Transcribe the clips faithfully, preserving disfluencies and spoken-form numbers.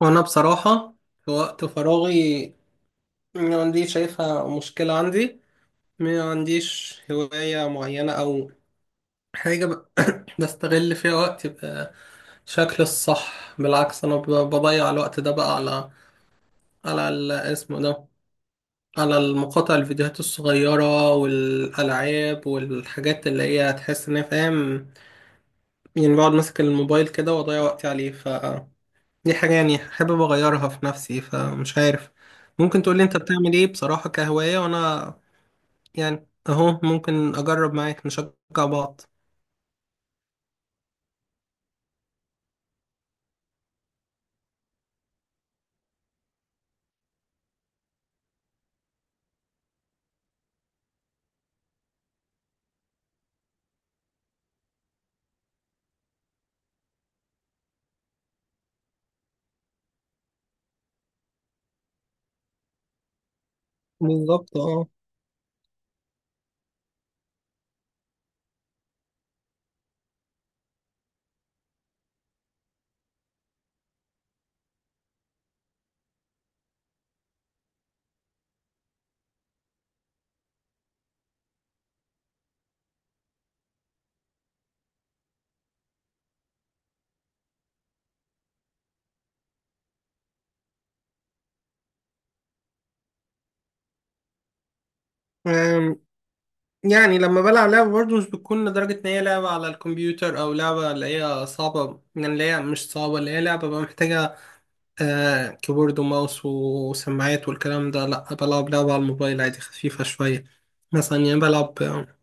وانا بصراحة في وقت فراغي، ما عنديش شايفها مشكلة عندي. ما عنديش هواية معينة او حاجة ب- بستغل فيها وقتي بشكل الصح. بالعكس انا ب- بضيع الوقت ده بقى على على ال- اسمه ده على المقاطع الفيديوهات الصغيرة والألعاب والحاجات اللي هي تحس ان هي فاهم. يعني بقعد ماسك الموبايل كده واضيع وقتي عليه. دي حاجة يعني حابب أغيرها في نفسي، فمش عارف. ممكن تقولي أنت بتعمل إيه بصراحة كهواية، وأنا يعني أهو ممكن أجرب معاك نشجع بعض. بالظبط، اه. أم، يعني لما بلعب لعبة برضه مش بتكون لدرجة إن هي لعبة على الكمبيوتر، أو لعبة اللي هي صعبة، يعني اللي هي مش صعبة، اللي هي لعبة بقى محتاجة آه كيبورد وماوس وسماعات والكلام ده. لأ، بلعب لعبة على الموبايل عادي، خفيفة شوية. مثلا يعني بلعب، آه،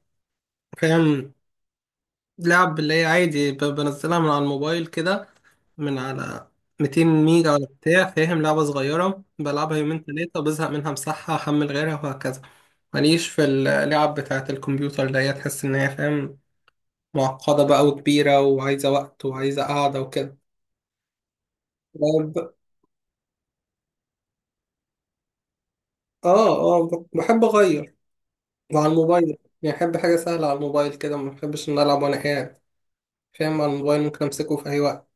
فاهم، لعب اللي هي عادي ب- بنزلها من على الموبايل كده، من على 200 ميجا ولا بتاع، فاهم، لعبة صغيرة بلعبها يومين تلاتة بزهق منها مسحها، أحمل غيرها وهكذا. ماليش في اللعب بتاعة الكمبيوتر، اللي هي تحس إن هي فاهم، معقدة بقى وكبيرة وعايزة وقت وعايزة قعدة وكده. ب- آه آه ب- بحب أغير. وعلى الموبايل يعني بحب حاجة سهلة على الموبايل كده، ما بحبش إن ألعب وأنا قاعد، فاهم. على الموبايل ممكن أمسكه في أي وقت.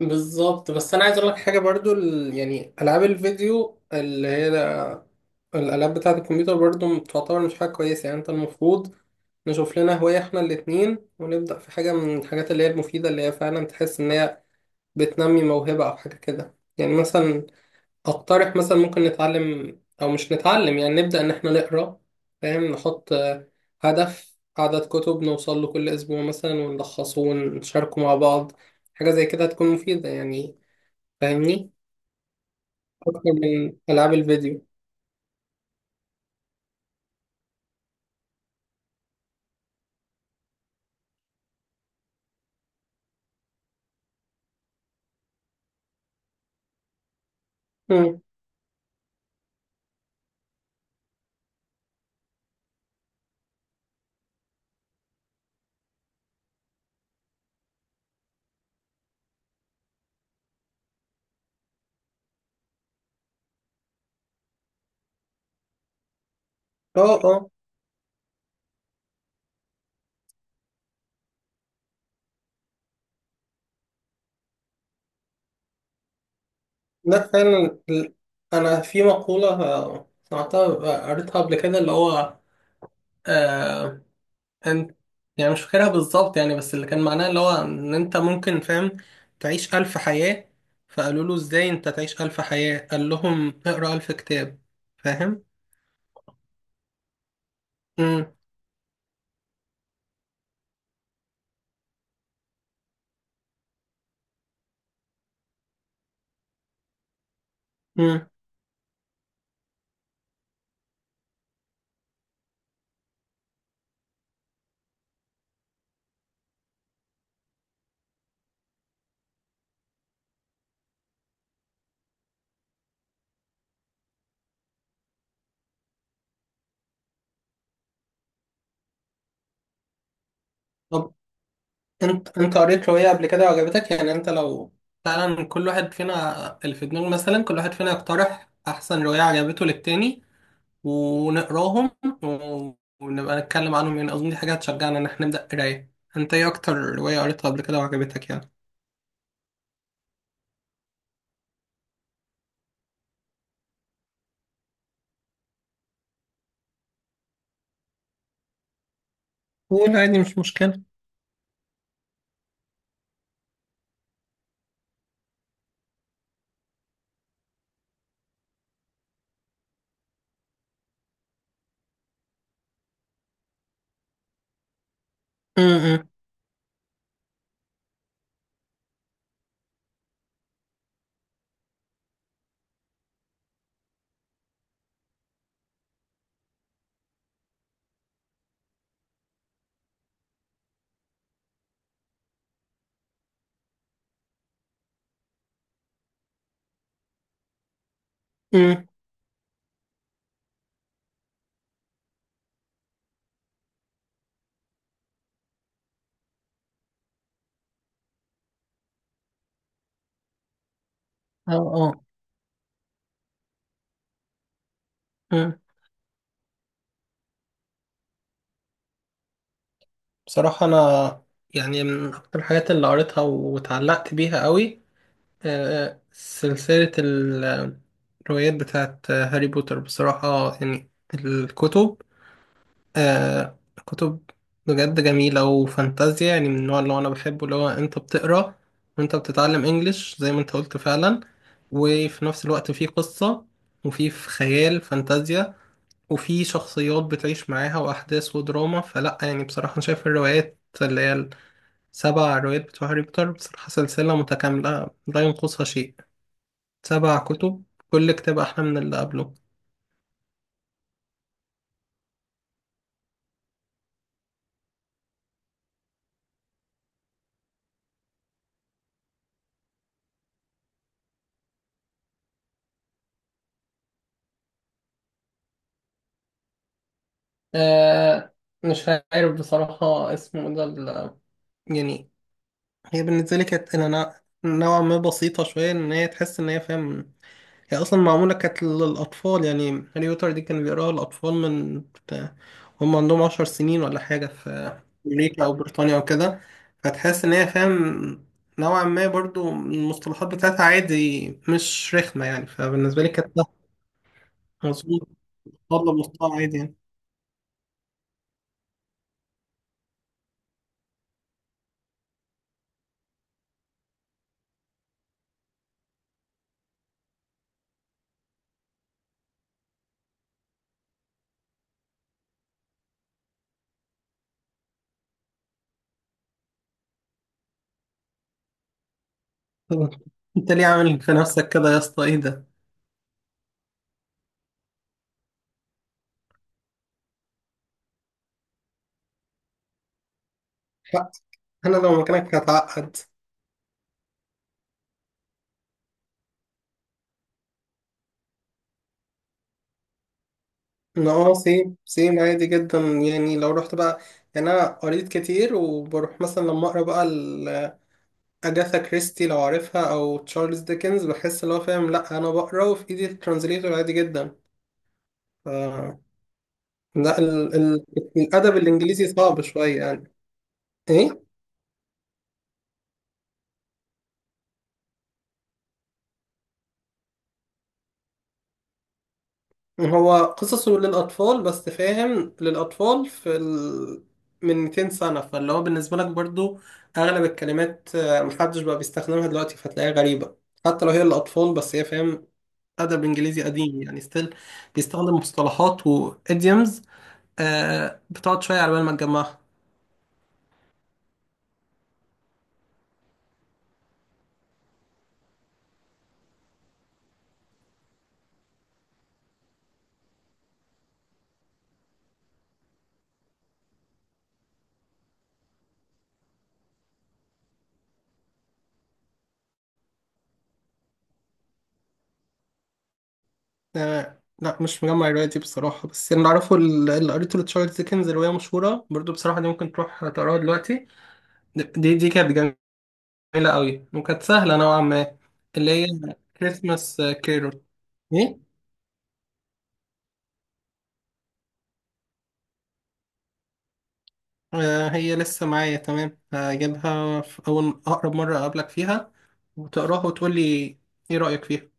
بالظبط. بس انا عايز اقول لك حاجه برضو، ال- يعني العاب الفيديو اللي هي ده- الالعاب بتاعه الكمبيوتر برضو تعتبر مش حاجه كويسه. يعني انت المفروض نشوف لنا هوايه احنا الاتنين، ونبدا في حاجه من الحاجات اللي هي المفيده، اللي هي فعلا تحس ان هي بتنمي موهبه او حاجه كده. يعني مثلا اقترح، مثلا ممكن نتعلم، او مش نتعلم، يعني نبدا ان احنا نقرا، فاهم. نحط آه، هدف عدد كتب نوصل له كل اسبوع مثلا، ونلخصه ونشاركه مع بعض. حاجة زي كده هتكون مفيدة يعني، فاهمني؟ اكتر من العاب الفيديو. مم. اه، اه. ده فعلا ال- انا في مقولة، آه، سمعتها، آه، قريتها قبل كده، اللي هو، آه انت يعني مش فاكرها بالظبط يعني، بس اللي كان معناها اللي هو ان انت ممكن، فاهم، تعيش ألف حياة. فقالوا له ازاي انت تعيش ألف حياة؟ قال لهم اقرأ ألف كتاب، فاهم. مم. مم. طب انت انت قريت رواية قبل كده وعجبتك؟ يعني انت لو فعلا، كل واحد فينا اللي في دماغه، مثلا كل واحد فينا يقترح احسن رواية عجبته للتاني ونقراهم، و- ونبقى نتكلم عنهم. يعني اظن دي حاجة هتشجعنا ان احنا نبدأ قراية. انت ايه اكتر رواية قريتها قبل كده وعجبتك يعني؟ قول عادي، مش مشكلة. امم امم اه، اه. أمم. بصراحة انا يعني من اكتر الحاجات اللي قريتها واتعلقت بيها قوي، آه، سلسلة ال- الروايات بتاعت هاري بوتر بصراحة. يعني الكتب، آه، كتب بجد جميلة وفانتازيا. يعني من النوع اللي هو أنا بحبه، اللي هو أنت بتقرأ وأنت بتتعلم إنجليش زي ما أنت قلت فعلا، وفي نفس الوقت في قصة، وفي في خيال فانتازيا، وفي شخصيات بتعيش معاها وأحداث ودراما. فلأ يعني، بصراحة أنا شايف الروايات اللي هي السبع روايات بتوع هاري بوتر بصراحة سلسلة متكاملة لا ينقصها شيء. سبع كتب، كل كتاب أحلى من اللي قبله. آه مش عارف بصراحة، اسمه ده ال- يعني هي بالنسبة لي كانت إلى نوع- نوعا ما بسيطة شوية، إن هي تحس إن هي فاهم. هي أصلا معمولة كانت للأطفال يعني. هاري بوتر دي كانوا بيقراها الأطفال من بتاع- هم عندهم عشر سنين ولا حاجة، في أمريكا أو بريطانيا أو كده. فتحس إن هي، فاهم، نوعا ما برضو المصطلحات بتاعتها عادي مش رخمة يعني، فبالنسبة لي كانت، لا. مظبوط. أطفال لمستوى عادي يعني. طب انت ليه عامل في نفسك كده يا اسطى؟ ايه ده. لا، انا لو مكانك هتعقد. انا اه سيم سيم، عادي جدا، يعني لو رحت بقى. يعني انا قريت كتير، وبروح مثلا لما اقرا بقى، ال- اجاثا كريستي لو عارفها، او تشارلز ديكنز، بحس اللي هو، فاهم، لا انا بقرا وفي ايدي الترانزليتور عادي جدا. ف لا ال... ال... الادب الانجليزي صعب شويه يعني. ايه. هو قصصه للأطفال، بس فاهم، للأطفال في ال... من 200 سنة، فاللي هو بالنسبة لك برضو أغلب الكلمات، آه، محدش بقى بيستخدمها دلوقتي فتلاقيها غريبة. حتى لو هي للأطفال، بس هي فاهم أدب إنجليزي قديم يعني، ستيل بيستخدم مصطلحات وإيديومز، آه بتقعد شوية على بال ما تجمعها. آه لا، مش مجمع الرواية دي بصراحة. بس اللي أعرفه، ال- اللي قريته لتشارلز ديكنز، رواية مشهورة برضو بصراحة، دي ممكن تروح تقراها دلوقتي. دي دي كانت قليلة قوي، وكانت سهلة نوعا ما. اللي هي كريسماس كيرول. ايه. آه هي لسه معايا. تمام، هجيبها في أول أقرب مرة أقابلك فيها، وتقراها وتقولي ايه رأيك فيها.